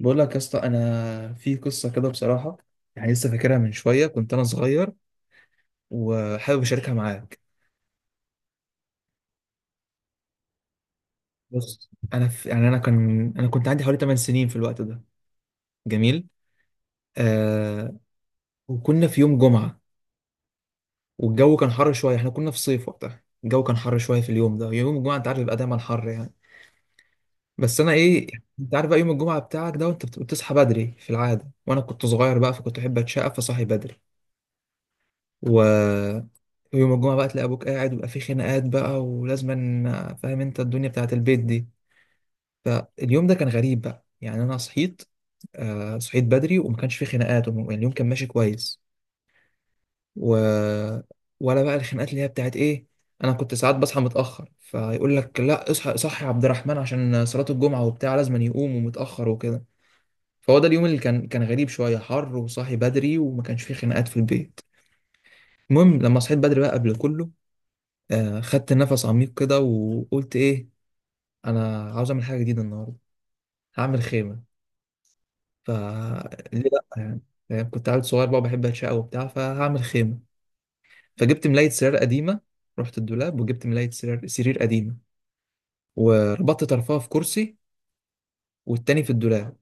بقول لك يا اسطى انا في قصه كده بصراحه. لسه فاكرها من شويه، كنت انا صغير وحابب اشاركها معاك. بص، انا في يعني انا كان انا كنت عندي حوالي 8 سنين في الوقت ده. جميل. آه. وكنا في يوم جمعه، والجو كان حر شويه، احنا كنا في صيف وقتها، الجو كان حر شويه في اليوم ده، يوم الجمعه انت عارف بيبقى دايما حر يعني. بس انا ايه، انت عارف بقى يوم الجمعه بتاعك ده وانت بتصحى بدري في العاده، وانا كنت صغير بقى، فكنت احب اتشقى فصحي بدري. و ويوم الجمعة بقى تلاقي أبوك قاعد ويبقى في خناقات بقى، ولازما فاهم أنت الدنيا بتاعت البيت دي. فاليوم ده كان غريب بقى، يعني أنا صحيت، آه، صحيت بدري وما كانش في خناقات يعني اليوم كان ماشي كويس. و... ولا بقى الخناقات اللي هي بتاعت إيه، أنا كنت ساعات بصحى متأخر فيقول لك لا اصحى، صحي يا عبد الرحمن عشان صلاة الجمعة وبتاع، لازما يقوم، ومتأخر وكده. فهو ده اليوم اللي كان غريب شوية، حر وصاحي بدري وما كانش فيه خناقات في البيت. المهم لما صحيت بدري بقى قبل كله، آه، خدت نفس عميق كده وقلت ايه، انا عاوز اعمل حاجه جديده النهارده، هعمل خيمه. ف ليه لا يعني؟ فاهم؟ كنت عيل صغير بقى بحب اتشقى وبتاع، فهعمل خيمه. فجبت ملايه سرير قديمه، رحت الدولاب وجبت ملايه سرير قديمه، وربطت طرفها في كرسي والتاني في الدولاب،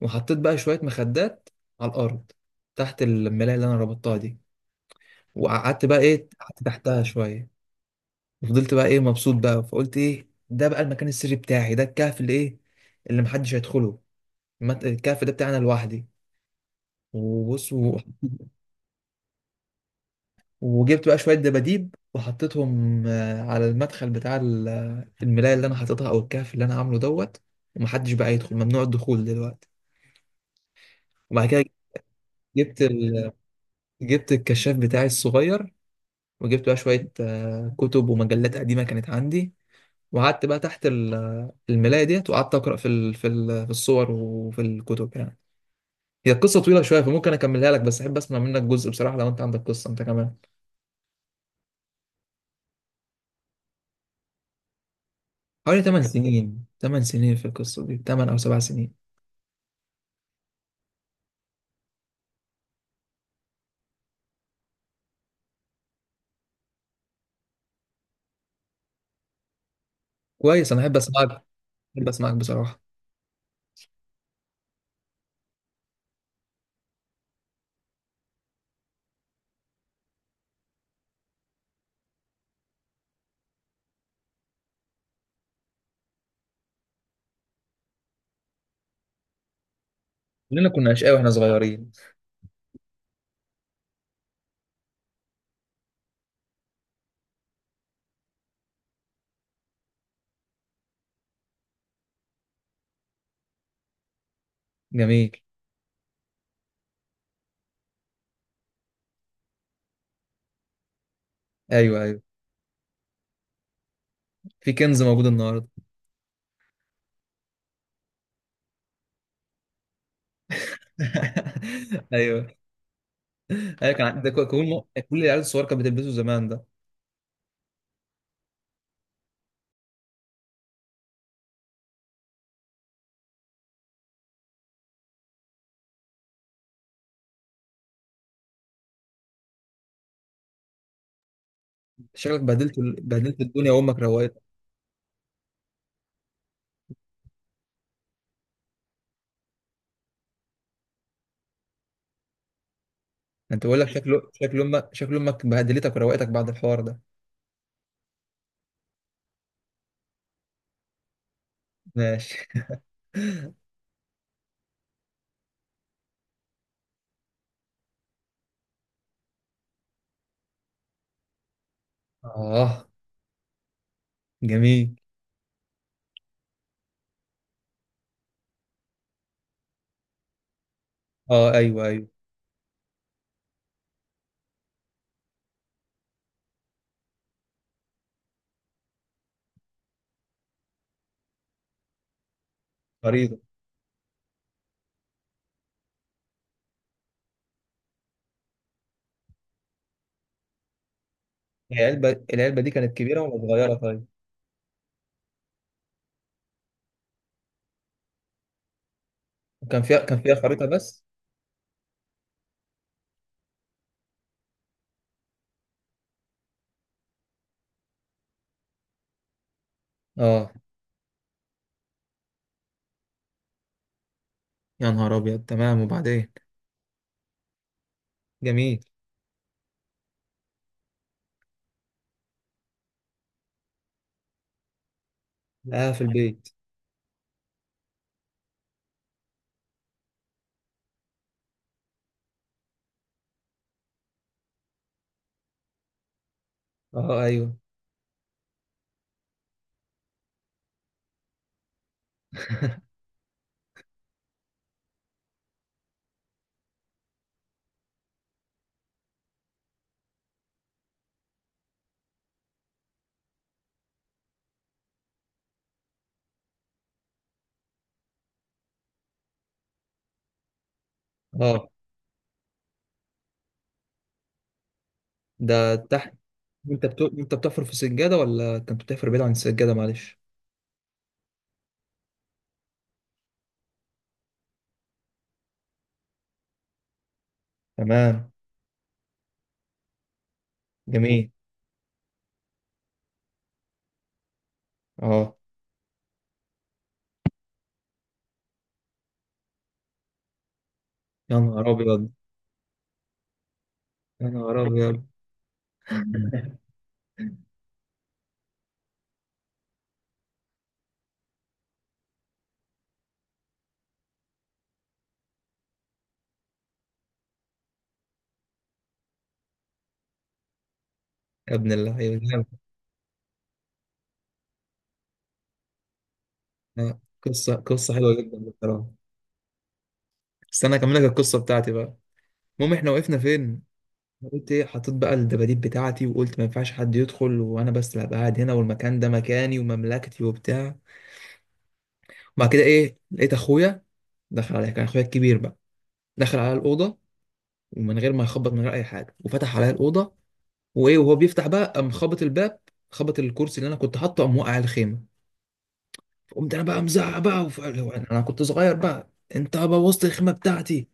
وحطيت بقى شويه مخدات على الارض تحت الملايه اللي انا ربطتها دي، وقعدت بقى ايه، قعدت تحتها شويه. فضلت بقى ايه مبسوط بقى، فقلت ايه ده بقى، المكان السري بتاعي ده، الكهف اللي ايه، اللي محدش هيدخله. الكهف ده بتاعنا لوحدي. وبص وجبت بقى شوية دباديب وحطيتهم، على المدخل بتاع الملاية اللي انا حاططها، او الكهف اللي انا عامله دوت. ومحدش بقى يدخل، ممنوع الدخول دلوقتي. وبعد كده جبت ال... جبت الكشاف بتاعي الصغير، وجبت بقى شوية كتب ومجلات قديمة كانت عندي، وقعدت بقى تحت الملاية ديت، وقعدت أقرأ في الصور وفي الكتب يعني. هي القصة طويلة شوية فممكن أكملها لك، بس أحب أسمع منك جزء بصراحة لو أنت عندك قصة أنت كمان. حوالي 8 سنين، 8 سنين في القصة دي، 8 أو 7 سنين. كويس، أنا أحب أسمعك، أحب أسمعك بصراحة. كلنا كنا أشقياء وإحنا صغيرين. جميل. أيوه أيوه، في كنز موجود النهاردة. أيوه. أيوه كان عندك كل العيال الصغيرة كانت بتلبسه زمان ده. شكلك بهدلت الدنيا وأمك روقت. انت بقول لك شكله، شكل امك، شكل امك بهدلتك وروقتك بعد الحوار ده. ماشي. اه. جميل. اه ايوه ايوه. خريطه؟ العلبه دي كانت كبيره ولا صغيره طيب؟ وكان كان فيها خريطه بس؟ اه. يا نهار ابيض، تمام، وبعدين؟ جميل. اه، في البيت. اه ايوه. اه. ده تحت. انت بتحفر في السجاده ولا كنت بتحفر بعيد عن السجاده؟ معلش. تمام. جميل. اه. يا نهار ابيض. يا نهار ابيض. يا ابن اللعيبه. آه، قصة حلوة جدا بصراحة. استنى أكمل لك القصة بتاعتي بقى. المهم إحنا وقفنا فين؟ قلت إيه، حطيت بقى الدباديب بتاعتي وقلت ما ينفعش حد يدخل، وأنا بس اللي هبقى قاعد هنا، والمكان ده مكاني ومملكتي وبتاع. وبعد كده إيه، لقيت أخويا دخل عليا، كان أخويا الكبير بقى، دخل على الأوضة ومن غير ما يخبط، من غير أي حاجة، وفتح عليا الأوضة، وإيه وهو بيفتح بقى قام خبط الباب، خبط الكرسي اللي أنا كنت حاطه، قام وقع على الخيمة. قمت أنا بقى مزعق بقى أنا كنت صغير بقى. أنت بوظت الخيمة بتاعتي.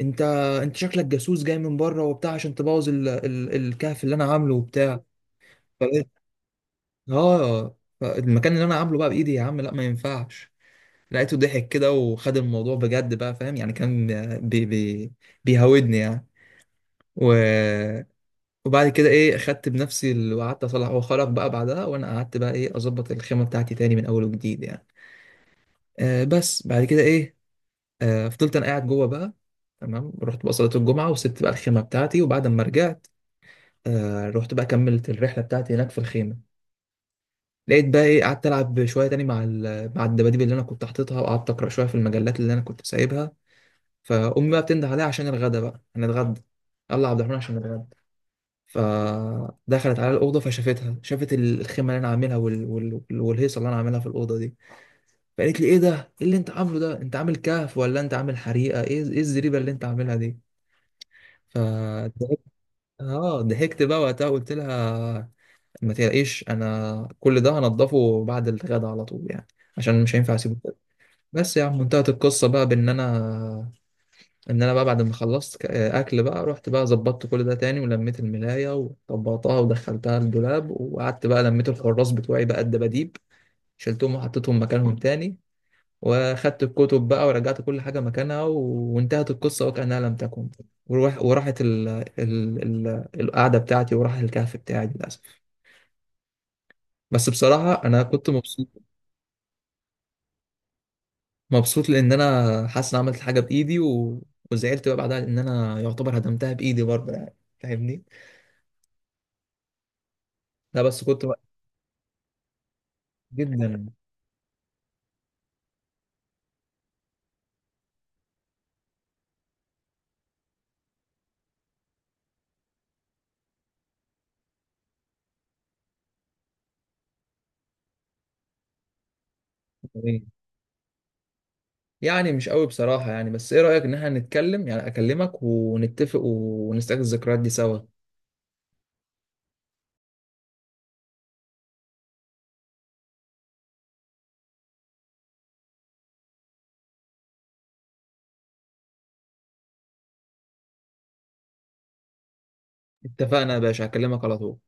انت انت شكلك جاسوس جاي من بره وبتاع عشان تبوظ الكهف اللي انا عامله وبتاع. فلقيت، اه، المكان اللي انا عامله بقى بايدي يا عم، لا ما ينفعش. لقيته ضحك كده وخد الموضوع بجد بقى، فاهم يعني، كان بي... بي... بيهودني يعني. و... وبعد كده ايه، خدت بنفسي وقعدت اصلح، هو خرج بقى بعدها وانا قعدت بقى ايه اظبط الخيمه بتاعتي تاني من اول وجديد يعني. آه، بس بعد كده ايه، آه، فضلت انا قاعد جوه بقى. تمام، رحت بقى صلاه الجمعه وسبت بقى الخيمه بتاعتي، وبعد ما رجعت آه رحت بقى كملت الرحله بتاعتي هناك في الخيمه. لقيت بقى ايه، قعدت العب شويه تاني مع مع الدباديب اللي انا كنت حاططها، وقعدت اقرا شويه في المجلات اللي انا كنت سايبها. فامي بقى بتنده عليا عشان الغدا بقى هنتغدى، يلا يا عبد الرحمن عشان نتغدى. فدخلت على الاوضه فشافتها، شافت الخيمه اللي انا عاملها والهيصه اللي انا عاملها في الاوضه دي. فقالت لي ايه ده، ايه اللي انت عامله ده، انت عامل كهف ولا انت عامل حريقه، ايه ايه الزريبه اللي انت عاملها دي؟ فضحكت، اه ضحكت بقى وقتها قلت لها ما تلاقيش، انا كل ده هنضفه بعد الغدا على طول يعني، عشان مش هينفع اسيبه كده. بس يا عم انتهت القصه بقى بان انا، ان انا بقى بعد ما خلصت اكل بقى، رحت بقى ظبطت كل ده تاني، ولميت الملايه وطبقتها ودخلتها الدولاب، وقعدت بقى لميت الحراس بتوعي بقى الدباديب، شلتهم وحطيتهم مكانهم تاني، واخدت الكتب بقى ورجعت كل حاجه مكانها. وانتهت القصه وكانها لم تكن. وراحت ال... القعده بتاعتي وراح الكهف بتاعي للاسف. بس بصراحة أنا كنت مبسوط، مبسوط لان انا حاسس ان عملت حاجه بايدي، وزعلت بقى بعدها لان انا يعتبر هدمتها بايدي برضه يعني، فاهمني؟ لا بس كنت وقت، جدا. يعني مش قوي بصراحه يعني، بس ايه رايك ان احنا نتكلم، يعني اكلمك ونتفق ونستعيد الذكريات دي سوا. اتفقنا يا باشا، هكلمك على طول.